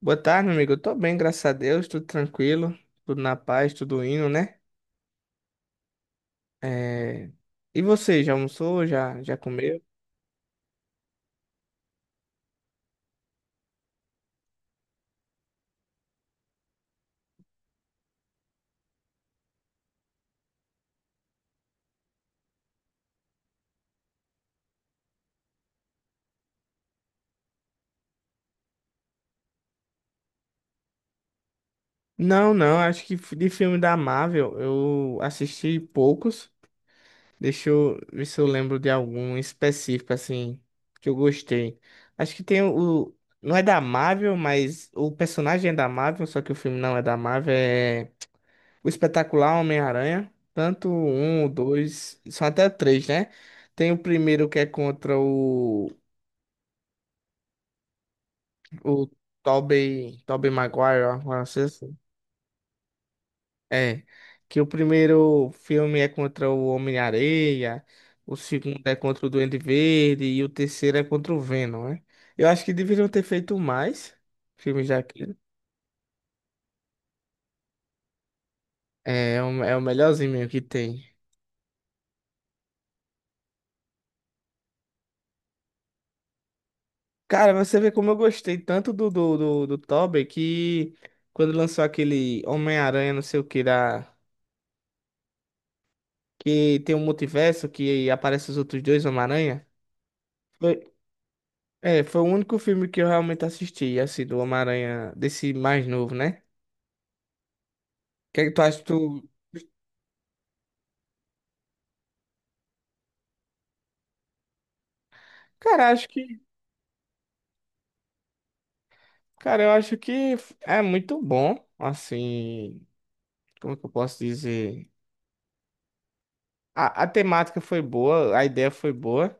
Boa tarde, meu amigo. Eu tô bem, graças a Deus, tudo tranquilo, tudo na paz, tudo indo, né? É, e você, já almoçou? Já comeu? Não, não, acho que de filme da Marvel eu assisti poucos. Deixa eu ver se eu lembro de algum específico, assim, que eu gostei. Acho que tem o. Não é da Marvel, mas o personagem é da Marvel, só que o filme não é da Marvel, é O Espetacular Homem-Aranha, tanto um, o dois, são até três, né? Tem o primeiro que é contra o Tobey Maguire, ó, não sei é. Que o primeiro filme é contra o Homem-Areia, o segundo é contra o Duende Verde e o terceiro é contra o Venom, né? Eu acho que deveriam ter feito mais filmes daquele. É, é o, é o melhorzinho mesmo que tem. Cara, você vê como eu gostei tanto do Tobey que quando lançou aquele Homem-Aranha, não sei o que, da, que tem um multiverso que aparece os outros dois Homem-Aranha. Foi, é, foi o único filme que eu realmente assisti, assim, do Homem-Aranha, desse mais novo, né? O que é que tu acha? Tu... Cara, eu acho que é muito bom, assim, como é que eu posso dizer? A temática foi boa, a ideia foi boa.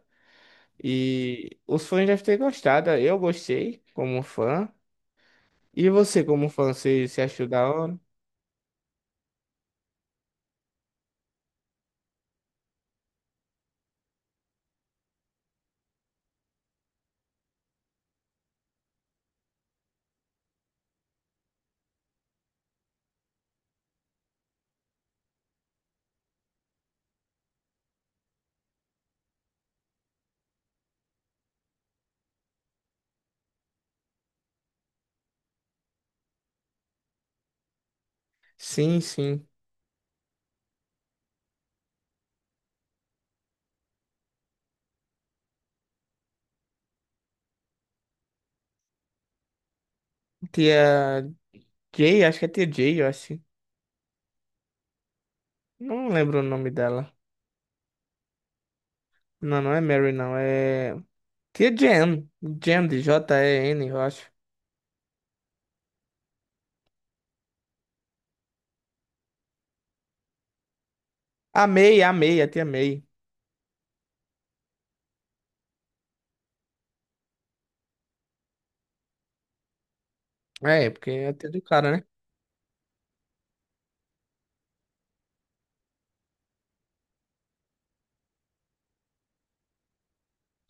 E os fãs devem ter gostado. Eu gostei como fã. E você, como fã, você achou da hora? Sim, sim. Tia Jay, acho que é Tia Jay, eu acho. Não lembro o nome dela. Não, não é Mary, não. É Tia Jan. Jan de J-E-N, eu acho. A May, a May, a Tia May. É, porque é a tia do cara, né?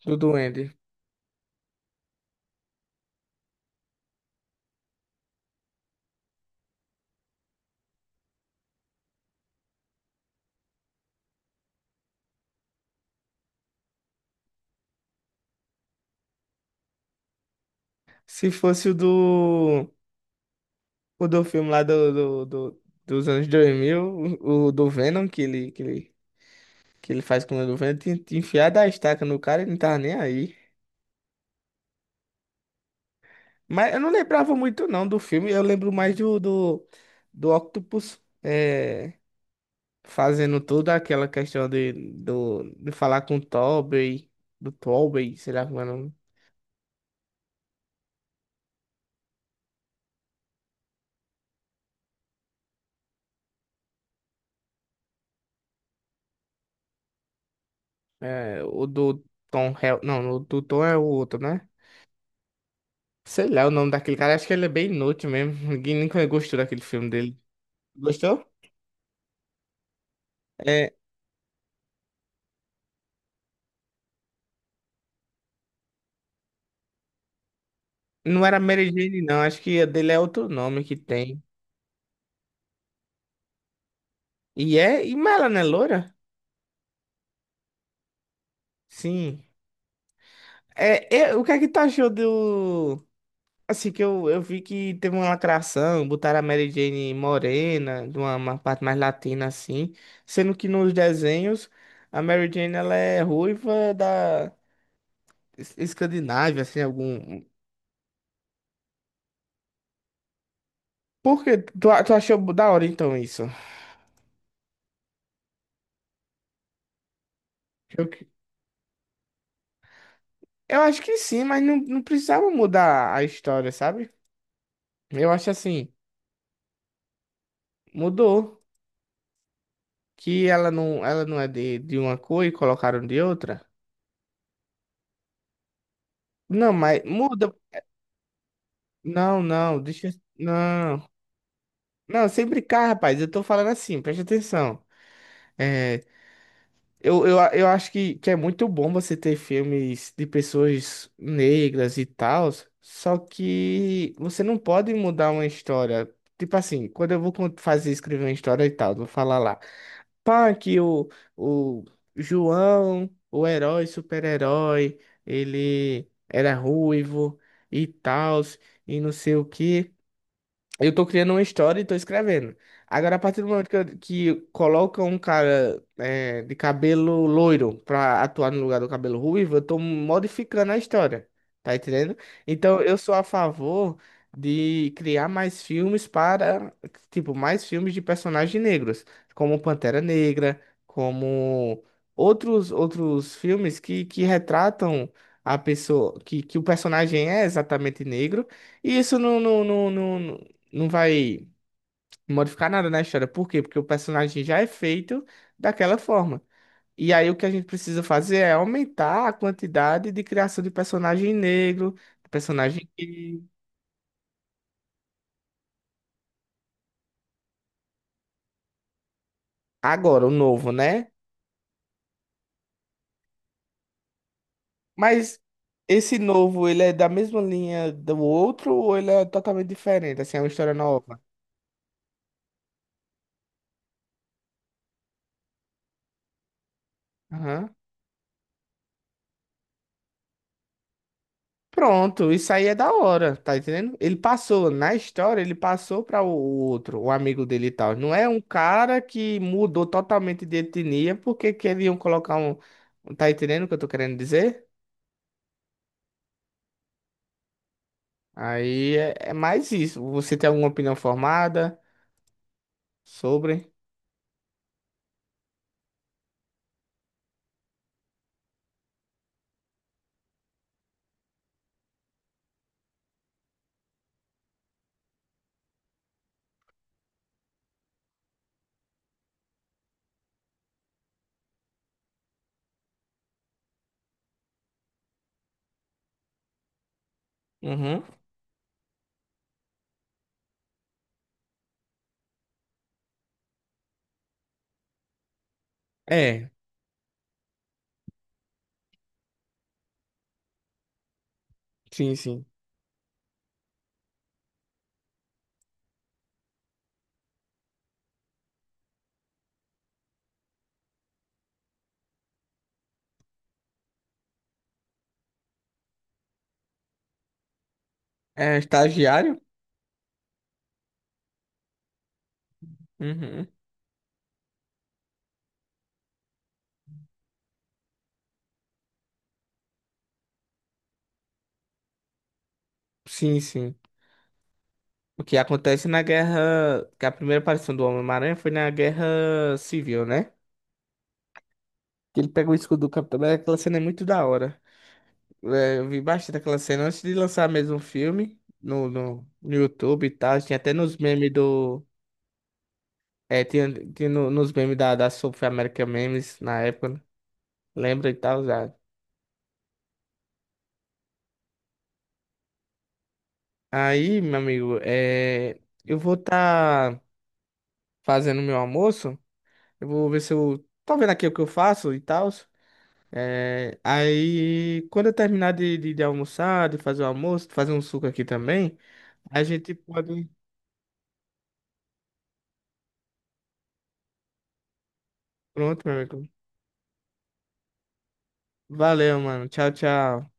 Do Duende. Se fosse o do filme lá dos anos 2000, o do Venom, que ele, que ele faz com o governo, tinha enfiado a estaca no cara e não tava nem aí. Mas eu não lembrava muito não do filme, eu lembro mais do Octopus é, fazendo toda aquela questão de falar com o Tobey, do Tobey, sei lá como é o nome, é, o do Tom Hel, não, o do Tom é o outro, né? Sei lá o nome daquele cara, acho que ele é bem inútil mesmo, ninguém nunca gostou daquele filme dele. Gostou? É, não era Mary Jane não, acho que a dele é outro nome que tem. E é, e mas ela não é loira? Sim. É, é, o que é que tu achou do. Assim, que eu vi que teve uma lacração, botaram a Mary Jane morena, de uma parte mais latina assim, sendo que nos desenhos a Mary Jane ela é ruiva da Escandinávia, assim, algum. Por que tu, tu achou da hora então isso? Eu, eu acho que sim, mas não, não precisava mudar a história, sabe? Eu acho assim, mudou. Que ela não é de uma cor e colocaram de outra? Não, mas muda. Não, não, deixa. Não. Não, sem brincar, rapaz. Eu tô falando assim, preste atenção. É, eu acho que é muito bom você ter filmes de pessoas negras e tal, só que você não pode mudar uma história. Tipo assim, quando eu vou fazer escrever uma história e tal, vou falar lá. Pá, que o João, o herói, super-herói, ele era ruivo e tal, e não sei o quê. Eu tô criando uma história e tô escrevendo. Agora, a partir do momento que, que colocam um cara é, de cabelo loiro pra atuar no lugar do cabelo ruivo, eu tô modificando a história. Tá entendendo? Então, eu sou a favor de criar mais filmes para, tipo, mais filmes de personagens negros, como Pantera Negra, como outros filmes que retratam a pessoa, que o personagem é exatamente negro. E isso não, não vai modificar nada na história. Por quê? Porque o personagem já é feito daquela forma. E aí o que a gente precisa fazer é aumentar a quantidade de criação de personagem negro, de personagem gay. Agora, o novo, né? Mas esse novo, ele é da mesma linha do outro ou ele é totalmente diferente? Assim, é uma história nova? Aham. Pronto, isso aí é da hora, tá entendendo? Ele passou, na história, ele passou para o outro, o amigo dele e tal. Não é um cara que mudou totalmente de etnia porque queriam colocar um. Um, tá entendendo o que eu tô querendo dizer? Aí é, é mais isso. Você tem alguma opinião formada sobre? Uhum. É, sim, sim. É estagiário? Uhum. Sim, sim. O que acontece na guerra. Que a primeira aparição do Homem-Aranha foi na guerra civil, né? Que ele pega o escudo do Capitão América, aquela cena é muito da hora. É, eu vi bastante aquela cena antes de lançar mesmo o filme no YouTube e tal. Tinha até nos memes do. É, tinha nos memes da, da South America Memes na época, né? Lembra e tal, já. Aí, meu amigo, é, eu vou estar fazendo meu almoço. Eu vou ver se eu. Tô vendo aqui o que eu faço e tal. É, aí, quando eu terminar de almoçar, de fazer o almoço, de fazer um suco aqui também. A gente pode. Pronto, meu amigo. Valeu, mano. Tchau, tchau.